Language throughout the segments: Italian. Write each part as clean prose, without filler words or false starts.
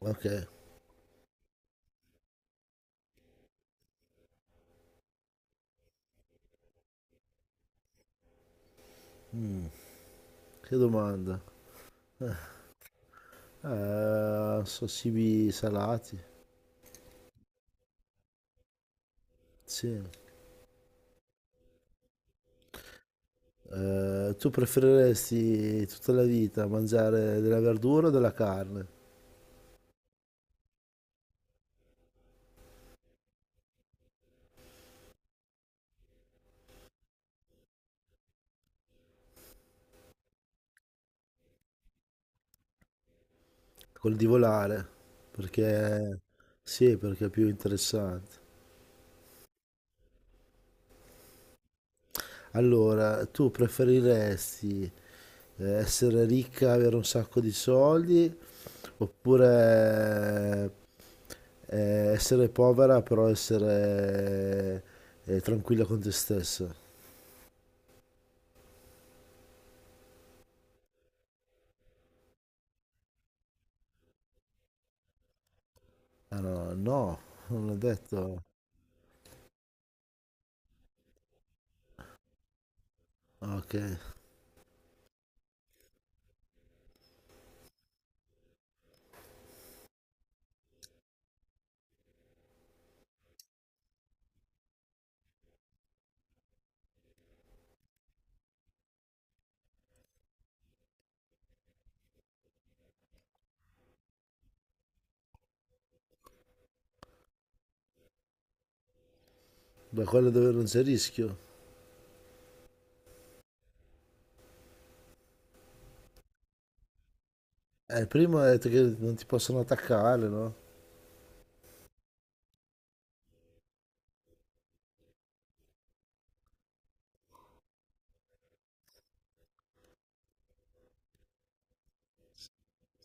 Ok. Mm, che domanda. Eh, so cibi salati. Sì. Tu preferiresti tutta la vita mangiare della verdura o della carne? Col divolare, perché sì, perché è più interessante. Allora, tu preferiresti essere ricca, avere un sacco di soldi, oppure essere povera però essere tranquilla con te stessa? Allora, no, no, non l'ho detto. Ok, da quello dove non c'è rischio. Prima hai detto che non ti possono attaccare, no?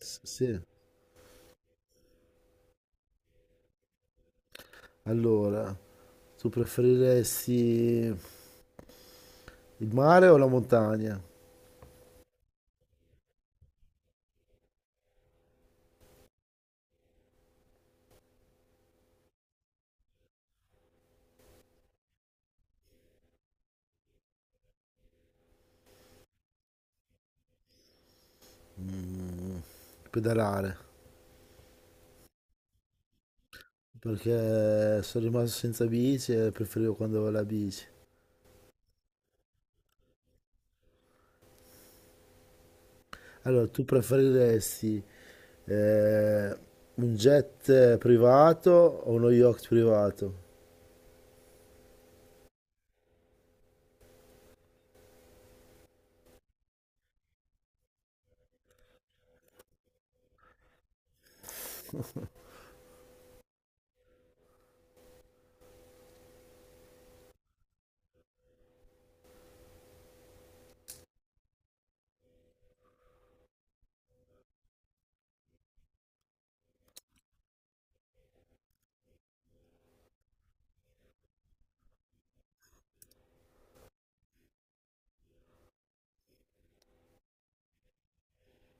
Sì. Allora, tu preferiresti il mare o la montagna? Mm, Pedalare, perché sono rimasto senza bici e preferivo quando avevo la bici. Allora, tu preferiresti eh, un jet privato o uno yacht privato?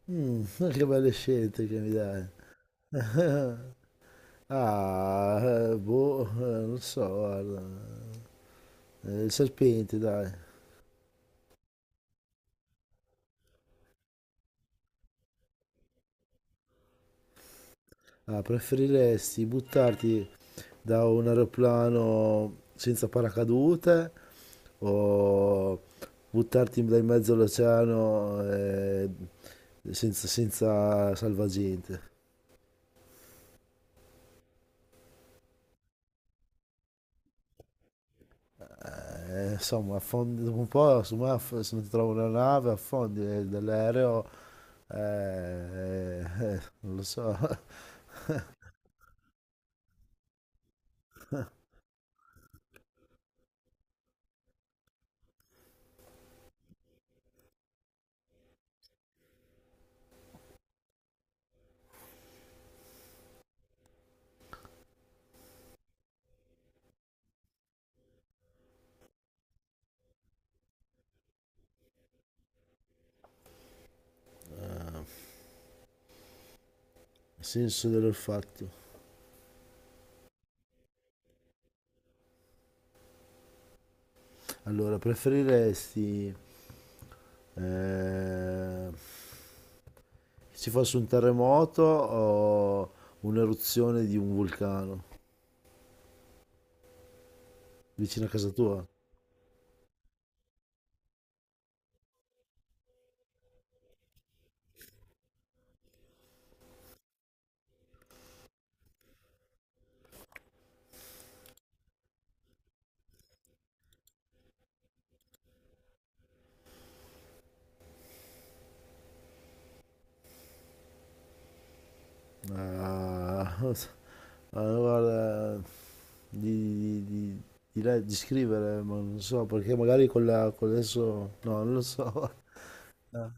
Mm, che belle scelte che mi dai. Ah, boh, non so, guarda. Il serpente, dai. Ah, preferiresti buttarti da un aeroplano senza paracadute o buttarti in mezzo all'oceano senza salvagente? Insomma, affondi, dopo un po', insomma, se non ti trovo una nave, affondi dall'aereo, non lo so. Il senso dell'olfatto. Allora, preferiresti eh, che ci fosse un terremoto o un'eruzione di un vulcano vicino a casa tua? Ah, ah, guarda, di, di- di- di scrivere, ma non so, perché magari con adesso, no, non lo so. Ah,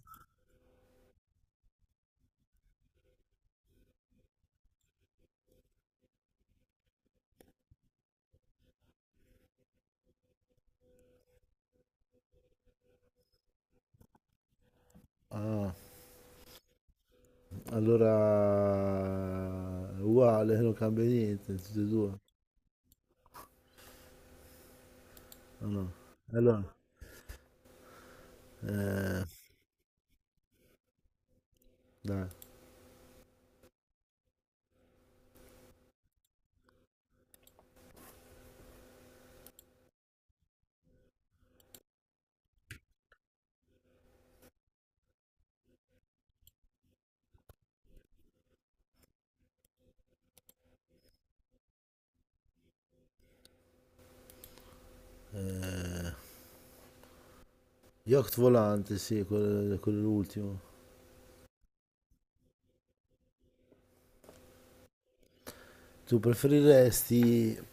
ah, allora, è uguale, non cambia niente, tutte e due. Ah, no. Allora, eh, dai, eh, yacht volante, sì, quello è l'ultimo. Tu preferiresti.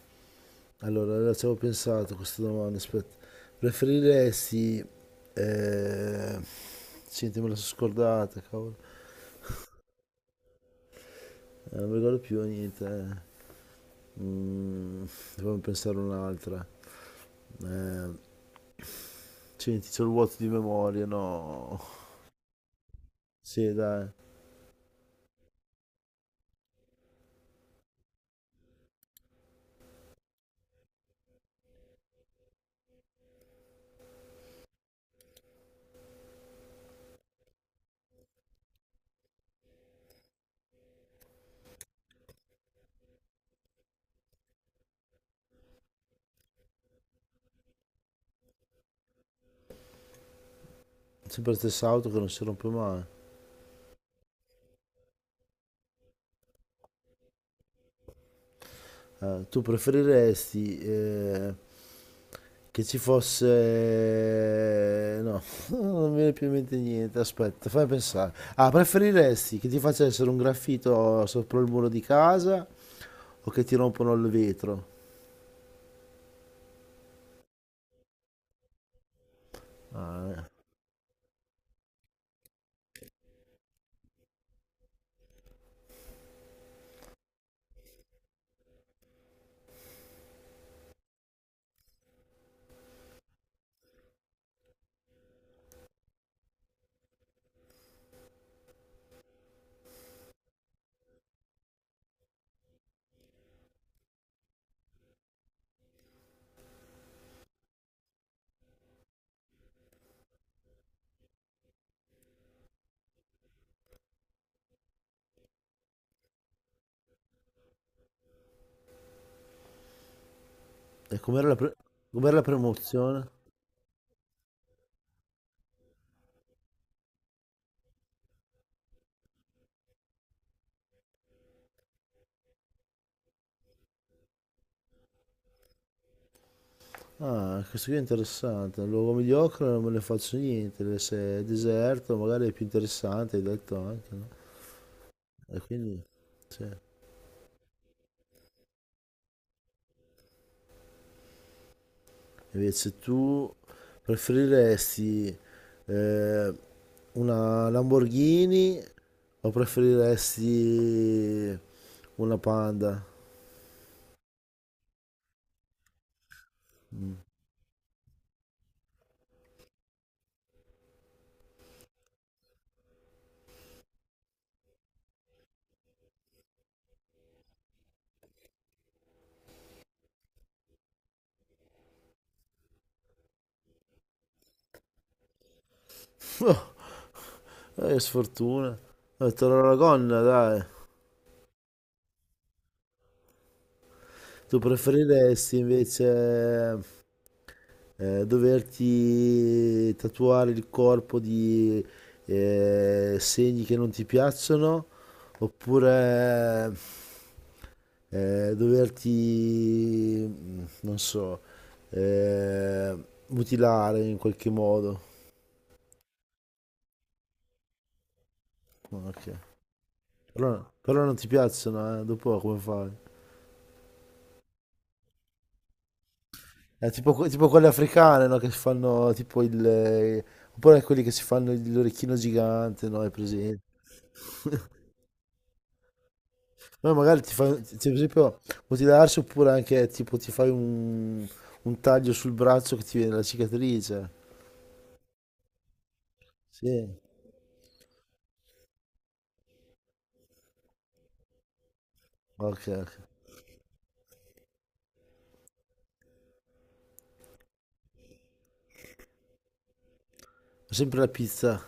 Allora, ci avevo pensato a questa domanda, aspetta. Preferiresti. Eh... Senti, me la sono scordata, cavolo. Non mi ricordo più niente. Eh. Mm, Dovevo pensare un'altra. Eh, senti, c'ho il vuoto di memoria, no. Sì, dai. Sempre la stessa auto che non si rompe mai. Ah, tu preferiresti che ci fosse. No, non mi viene più in mente niente, aspetta, fammi pensare. Ah, preferiresti che ti facessero un graffito sopra il muro di casa o che ti rompono il vetro? E com'era la prima opzione? Ah, questo qui è interessante. Un luogo mediocre non me ne faccio niente. Se è deserto, magari è più interessante, hai detto anche, no? E quindi, sì. Invece tu preferiresti eh, una Lamborghini o preferiresti una Panda? Oh, che sfortuna. Te la gonna, dai. Tu preferiresti invece doverti tatuare il corpo di segni che non ti piacciono oppure doverti, non so, eh, mutilare in qualche modo. Ok. Però non ti piacciono, eh? Dopo come fai? È tipo quelle africane, no? Che si fanno tipo il. Oppure quelli che si fanno l'orecchino gigante, no? Hai presente? Ma magari per esempio, mutilarsi oppure anche tipo ti fai un taglio sul braccio che ti viene la cicatrice. Sì, ok, ok. Sempre la pizza.